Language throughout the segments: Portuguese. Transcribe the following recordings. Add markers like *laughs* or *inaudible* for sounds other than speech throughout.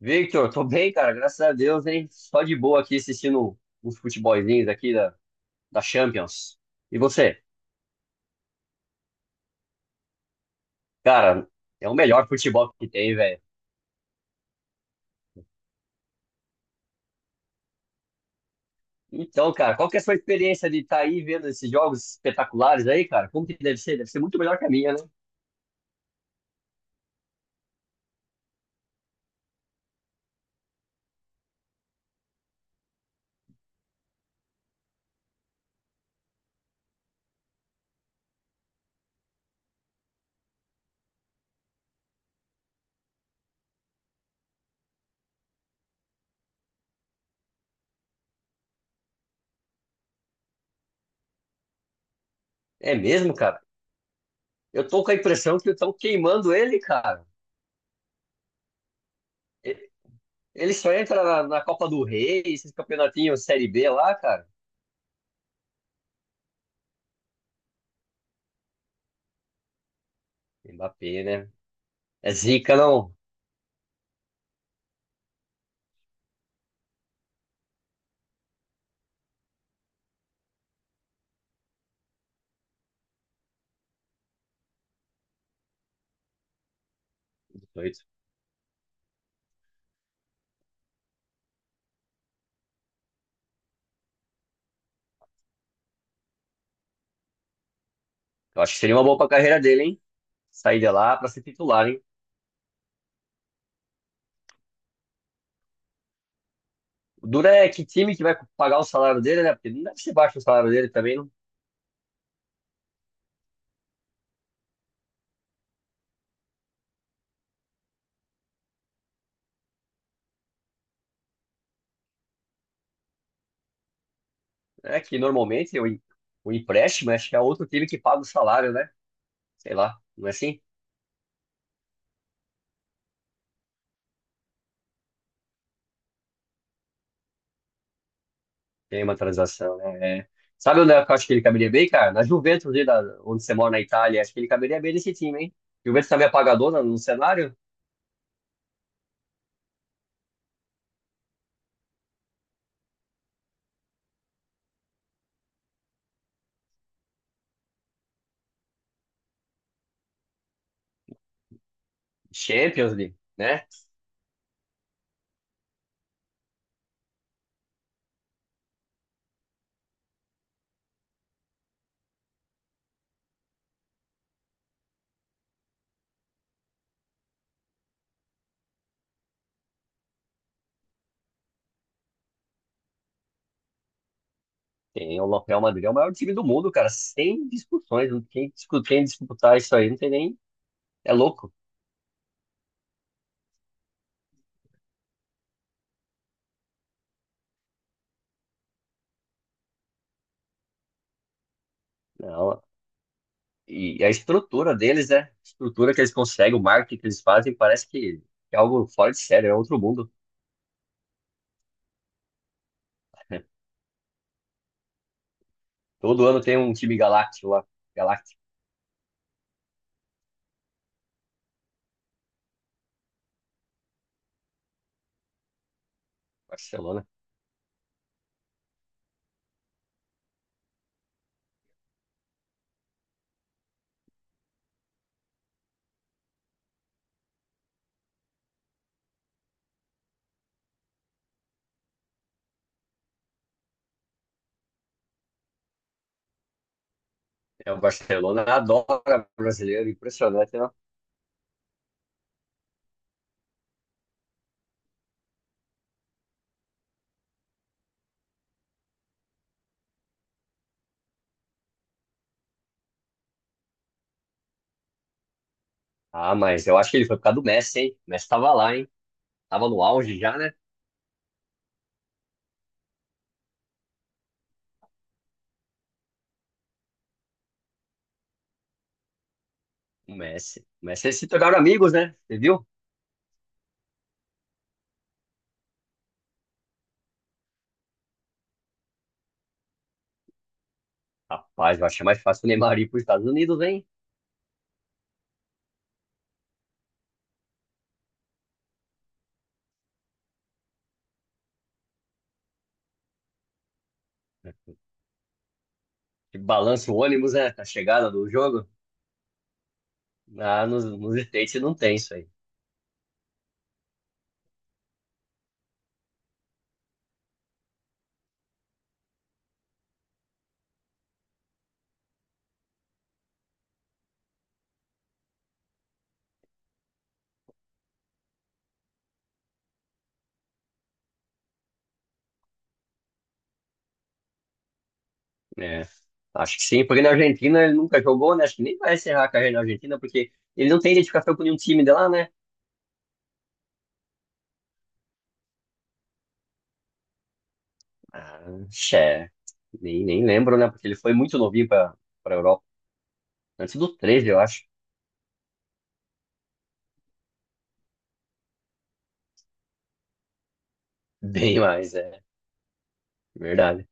Victor, tô bem, cara, graças a Deus, hein? Só de boa aqui assistindo uns futebolzinhos aqui da Champions. E você? Cara, é o melhor futebol que tem, velho. Então, cara, qual que é a sua experiência de estar aí vendo esses jogos espetaculares aí, cara? Como que deve ser? Deve ser muito melhor que a minha, né? É mesmo, cara? Eu tô com a impressão que estão queimando ele, cara. E- Ele só entra na Copa do Rei, esses campeonatinhos Série B lá, cara. Mbappé, né? É zica, não? 18. Eu acho que seria uma boa pra carreira dele, hein? Sair de lá para ser titular, hein? O Dura é que time que vai pagar o salário dele, né? Porque não deve ser baixo o salário dele também, não. É que normalmente o empréstimo, acho que é outro time que paga o salário, né? Sei lá, não é assim? Tem uma transação, né? É. Sabe onde eu acho que ele caberia bem, cara? Na Juventus, ali da, onde você mora na Itália, acho que ele caberia bem nesse time, hein? Juventus também é pagadora no cenário? Champions League, né? Tem o Real Madrid, é o maior time do mundo, cara, sem discussões, não tem, quem disputar isso aí, não tem nem. É louco. Não. E a estrutura deles, né? A estrutura que eles conseguem, o marketing que eles fazem, parece que é algo fora de série, é outro mundo. *laughs* Todo ano tem um time galáctico lá, galáctico. Barcelona. É, o Barcelona adora brasileiro, impressionante, né? Ah, mas eu acho que ele foi por causa do Messi, hein? O Messi tava lá, hein? Tava no auge já, né? O Messi. O Messi eles se tornaram amigos, né? Você viu? Rapaz, eu achei mais fácil o Neymar ir pros Estados Unidos, hein? Que balança o ônibus, né? A chegada do jogo. Ah, nos States não tem isso aí. É, acho que sim, porque na Argentina ele nunca jogou, né? Acho que nem vai encerrar a carreira na Argentina, porque ele não tem identificação com nenhum time de lá, né? Ah, xé. Nem lembro, né? Porque ele foi muito novinho pra Europa. Antes do 13, eu acho. *laughs* Bem mais, é verdade.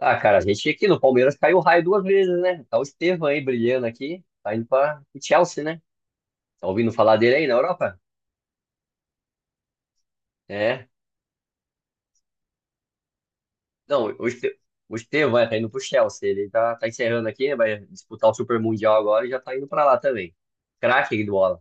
Ah, cara, a gente aqui no Palmeiras caiu o raio duas vezes, né? Tá o Estevão aí brilhando aqui, tá indo pra o Chelsea, né? Tá ouvindo falar dele aí na Europa? É. Não, o Este- O Estevão vai tá indo pro Chelsea. Ele tá encerrando aqui, né? Vai disputar o Super Mundial agora e já tá indo pra lá também. Craque de bola.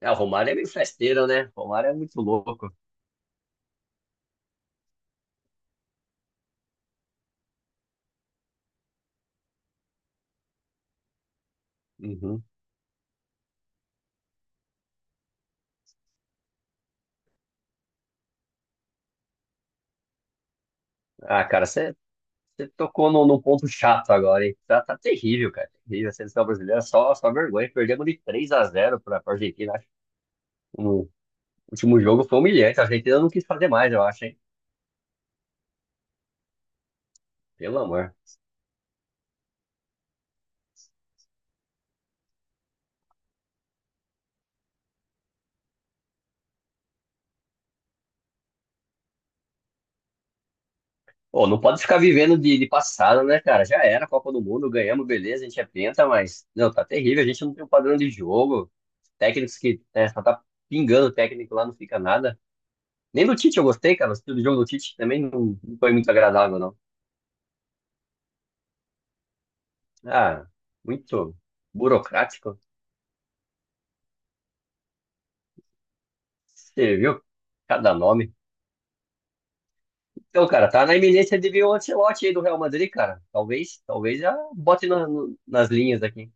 É, o Romário é meio festeiro, né? O Romário é muito louco. Uhum. Ah, cara, você tocou num ponto chato agora, hein? Tá, tá terrível, cara. Terrível. A seleção brasileira só, só vergonha. Perdemos de 3-0 pra Argentina, acho. No último jogo foi humilhante. A Argentina não quis fazer mais, eu acho, hein? Pelo amor. Pô, não pode ficar vivendo de passado, né, cara? Já era a Copa do Mundo, ganhamos, beleza, a gente é penta, mas, não, tá terrível, a gente não tem um padrão de jogo. Técnicos que, né, só tá pingando o técnico lá, não fica nada. Nem do Tite eu gostei, cara, o estilo de jogo do Tite também não, não foi muito agradável, não. Ah, muito burocrático. Você viu? Cada nome. Então, cara, tá na iminência de vir o Ancelotti aí do Real Madrid, cara. Talvez, talvez já bote nas linhas aqui.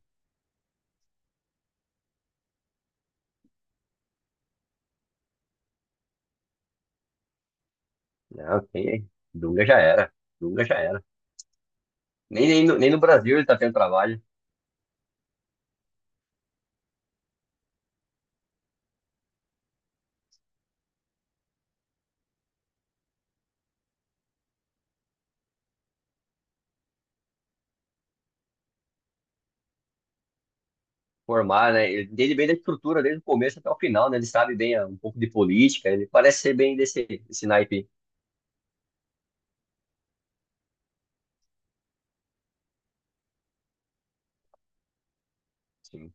Não, quem? Dunga já era. Dunga já era. Nem no Brasil ele está tendo trabalho. Formar, né? Ele entende bem da estrutura desde o começo até o final, né? Ele sabe bem, ah, um pouco de política, ele parece ser bem desse naipe. Sim.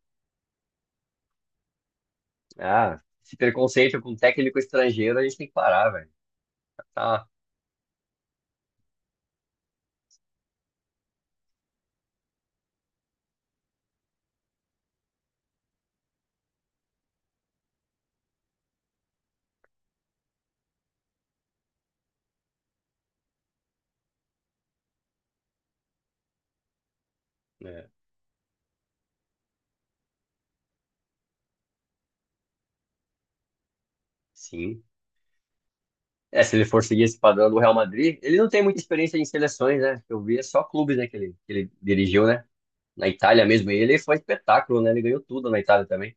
Ah, esse preconceito com técnico estrangeiro a gente tem que parar, velho. Tá, né? Sim. É, se ele for seguir esse padrão do Real Madrid, ele não tem muita experiência em seleções, né? Eu vi é só clubes, né, que ele dirigiu, né? Na Itália mesmo, ele foi espetáculo, né? Ele ganhou tudo na Itália também.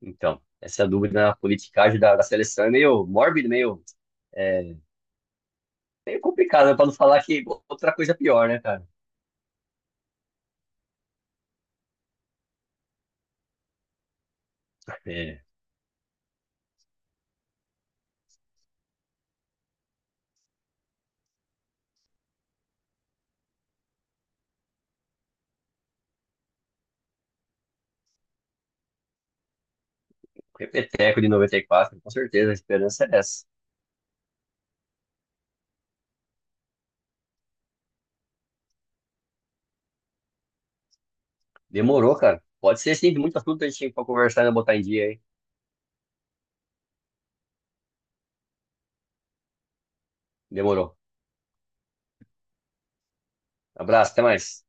Então, essa dúvida na politicagem da seleção é meio mórbida, meio é, meio complicado, né? Pra não falar que outra coisa pior, né, cara? É, o repeteco de 94, com certeza, a esperança é essa. Demorou, cara. Pode ser, sim, muito assunto a gente tem pra conversar e botar em dia aí. Demorou. Abraço, até mais.